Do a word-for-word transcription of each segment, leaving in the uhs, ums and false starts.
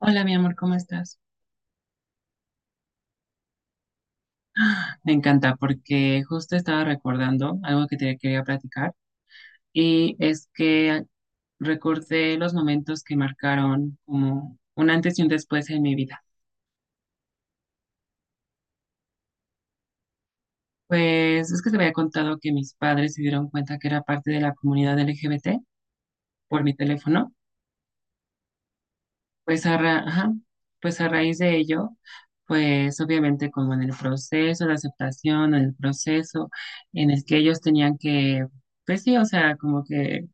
Hola, mi amor, ¿cómo estás? Me encanta porque justo estaba recordando algo que te quería platicar y es que recordé los momentos que marcaron como un antes y un después en mi vida. Pues es que te había contado que mis padres se dieron cuenta que era parte de la comunidad L G B T por mi teléfono. Pues a ra- ajá, pues a raíz de ello, pues obviamente como en el proceso de aceptación, en el proceso en el que ellos tenían que, pues sí, o sea, como que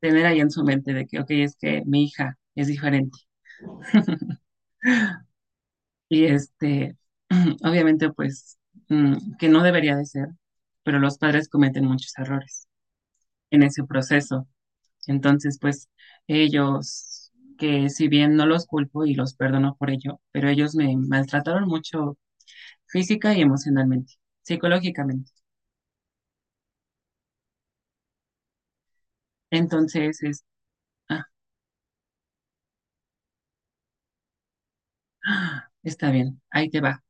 tener ahí en su mente de que, ok, es que mi hija es diferente y este, obviamente pues mm, que no debería de ser, pero los padres cometen muchos errores en ese proceso. Entonces, pues ellos, que si bien no los culpo y los perdono por ello, pero ellos me maltrataron mucho física y emocionalmente, psicológicamente. Entonces, es, ah, ah, está bien, ahí te va.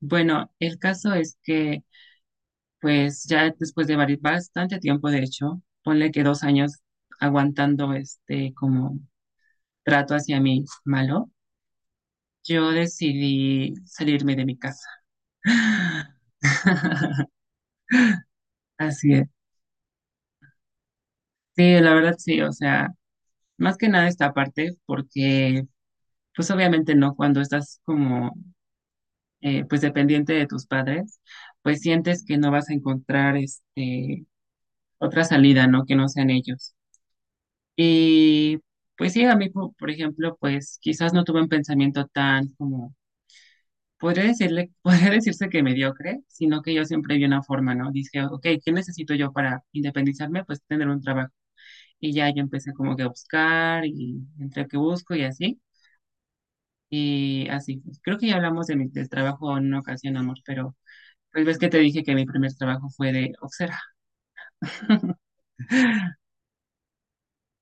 Bueno, el caso es que pues ya después de vari- bastante tiempo, de hecho, ponle que dos años aguantando este como trato hacia mí malo, yo decidí salirme de mi casa. Así es. Sí, la verdad sí, o sea, más que nada esta parte, porque pues obviamente no, cuando estás como eh, pues dependiente de tus padres, pues sientes que no vas a encontrar este otra salida, ¿no? Que no sean ellos. Y pues sí, a mí, po- por ejemplo, pues quizás no tuve un pensamiento tan como, podría decirle, podría decirse que mediocre, sino que yo siempre vi una forma, ¿no? Dije, ok, ¿qué necesito yo para independizarme? Pues tener un trabajo. Y ya yo empecé como que a buscar y entre que busco y así. Y así, pues, creo que ya hablamos de mi, del trabajo en una ocasión, amor, pero pues ves que te dije que mi primer trabajo fue de oxera.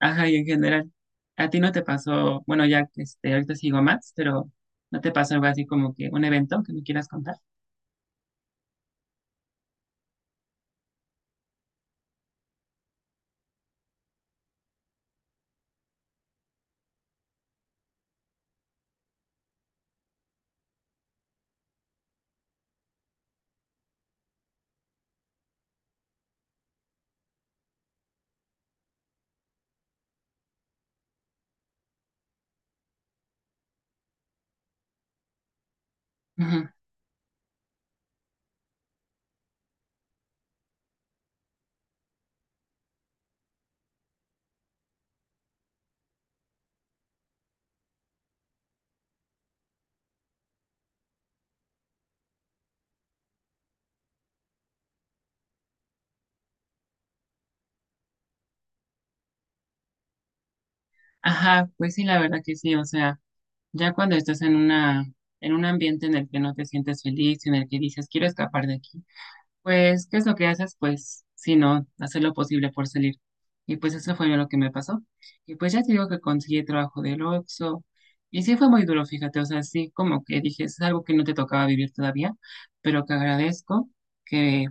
Ajá, y en general, ¿a ti no te pasó, bueno, ya este, ahorita sigo más, pero no te pasó algo así como que un evento que me quieras contar? Ujú. Ajá, pues sí, la verdad que sí, o sea, ya cuando estás en una, en un ambiente en el que no te sientes feliz, en el que dices, quiero escapar de aquí, pues, ¿qué es lo que haces? Pues, si no, hacer lo posible por salir. Y pues eso fue lo que me pasó. Y pues ya te digo que conseguí trabajo del Oxxo. Y sí fue muy duro, fíjate. O sea, sí, como que dije, es algo que no te tocaba vivir todavía, pero que agradezco que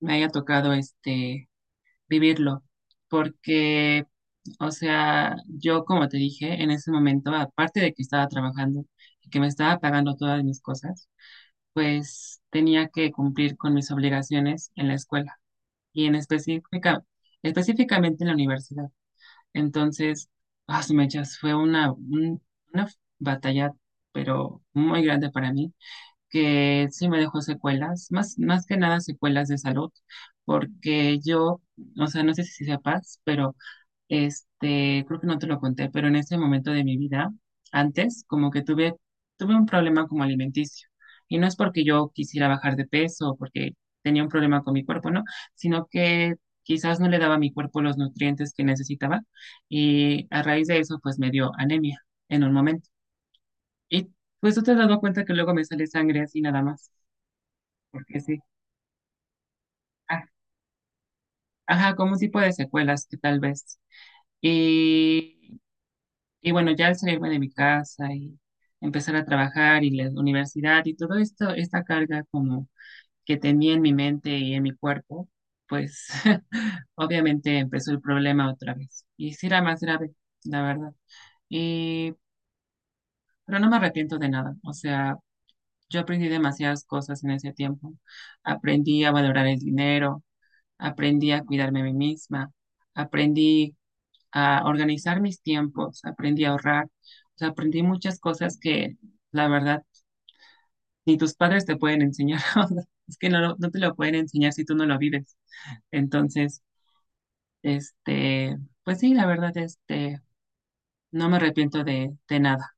me haya tocado este vivirlo. Porque, o sea, yo como te dije, en ese momento, aparte de que estaba trabajando y que me estaba pagando todas mis cosas, pues tenía que cumplir con mis obligaciones en la escuela y en específica, específicamente en la universidad. Entonces, ah, su mechas, fue una, un- una batalla, pero muy grande para mí, que sí me dejó secuelas, más, más que nada secuelas de salud, porque yo, o sea, no sé si sepas, pero este, creo que no te lo conté, pero en ese momento de mi vida, antes, como que tuve, tuve un problema como alimenticio. Y no es porque yo quisiera bajar de peso o porque tenía un problema con mi cuerpo, ¿no? Sino que quizás no le daba a mi cuerpo los nutrientes que necesitaba. Y a raíz de eso, pues me dio anemia en un momento. Y pues tú te has dado cuenta que luego me sale sangre así nada más, porque sí. Ah, ajá, como un tipo de secuelas que tal vez. Y Y bueno, ya al salirme de mi casa y empezar a trabajar y la universidad y todo esto, esta carga como que tenía en mi mente y en mi cuerpo, pues obviamente empezó el problema otra vez. Y sí era más grave, la verdad. Y pero no me arrepiento de nada. O sea, yo aprendí demasiadas cosas en ese tiempo. Aprendí a valorar el dinero, aprendí a cuidarme a mí misma, aprendí a organizar mis tiempos, aprendí a ahorrar, o sea, aprendí muchas cosas que la verdad ni tus padres te pueden enseñar, o sea, es que no, lo- no te lo pueden enseñar si tú no lo vives. Entonces, este, pues sí, la verdad, este, no me arrepiento de, de nada.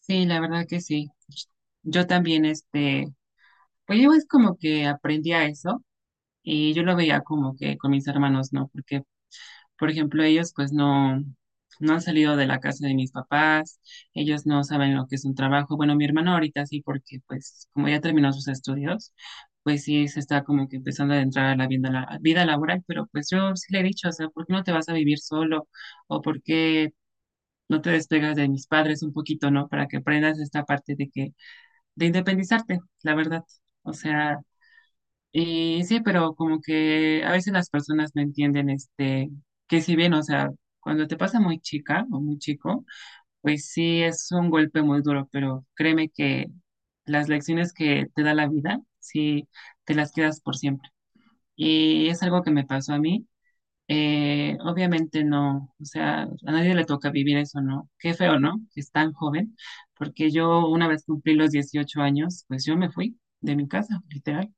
Sí, la verdad que sí. Yo también, este, pues yo es como que aprendí a eso y yo lo veía como que con mis hermanos, ¿no? Porque por ejemplo, ellos pues no, no han salido de la casa de mis papás, ellos no saben lo que es un trabajo. Bueno, mi hermano ahorita sí, porque pues como ya terminó sus estudios, pues sí se está como que empezando a entrar a la vida, la vida laboral, pero pues yo sí le he dicho, o sea, ¿por qué no te vas a vivir solo? ¿O por qué no te despegas de mis padres un poquito, ¿no? Para que aprendas esta parte de que, de independizarte, la verdad. O sea, y sí, pero como que a veces las personas no entienden este, que si bien, o sea, cuando te pasa muy chica o muy chico, pues sí es un golpe muy duro, pero créeme que las lecciones que te da la vida, sí te las quedas por siempre. Y es algo que me pasó a mí. Eh, obviamente no, o sea, a nadie le toca vivir eso, ¿no? Qué feo, ¿no? Que es tan joven, porque yo una vez cumplí los dieciocho años, pues yo me fui de mi casa, literal.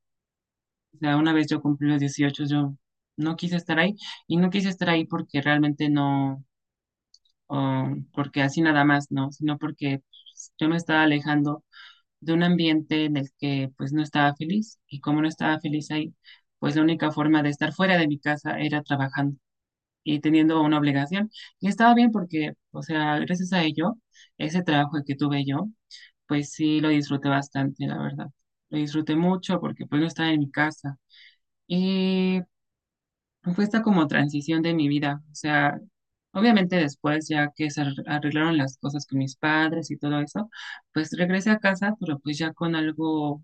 O sea, una vez yo cumplí los dieciocho yo no quise estar ahí y no quise estar ahí porque realmente no, o porque así nada más, no, sino porque pues, yo me estaba alejando de un ambiente en el que pues no estaba feliz y como no estaba feliz ahí, pues la única forma de estar fuera de mi casa era trabajando y teniendo una obligación. Y estaba bien porque, o sea, gracias a ello, ese trabajo que tuve yo, pues sí lo disfruté bastante, la verdad. Lo disfruté mucho porque pues no estaba en mi casa. Y fue esta como transición de mi vida. O sea, obviamente después, ya que se ar- arreglaron las cosas con mis padres y todo eso, pues regresé a casa, pero pues ya con algo,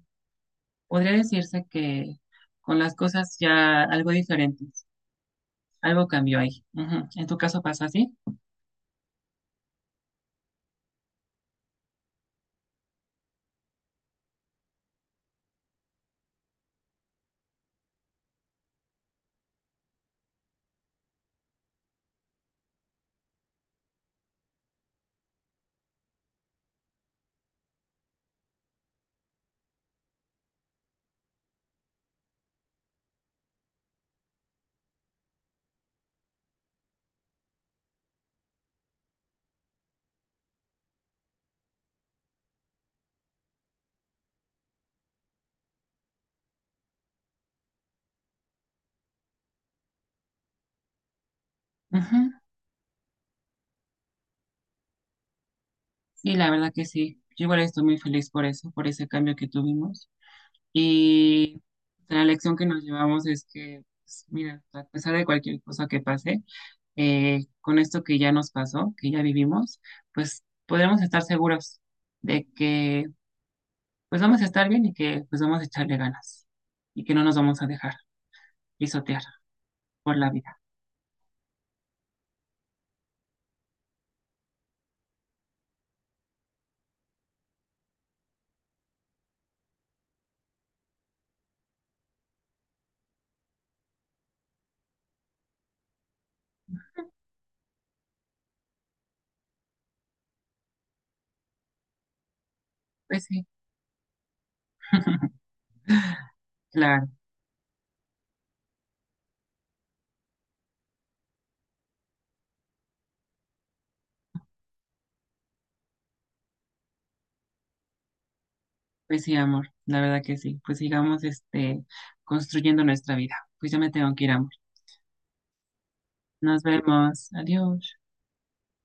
podría decirse que con las cosas ya algo diferentes. Algo cambió ahí. Ujú. ¿En tu caso pasó así? Ujú. Sí, la verdad que sí. Yo igual estoy muy feliz por eso, por ese cambio que tuvimos. Y la lección que nos llevamos es que, pues, mira, a pesar de cualquier cosa que pase, eh, con esto que ya nos pasó, que ya vivimos, pues podremos estar seguros de que pues vamos a estar bien y que pues vamos a echarle ganas y que no nos vamos a dejar pisotear por la vida. Pues sí, claro, pues sí, amor, la verdad que sí. Pues sigamos este construyendo nuestra vida. Pues ya me tengo que ir, amor. Nos vemos. Adiós.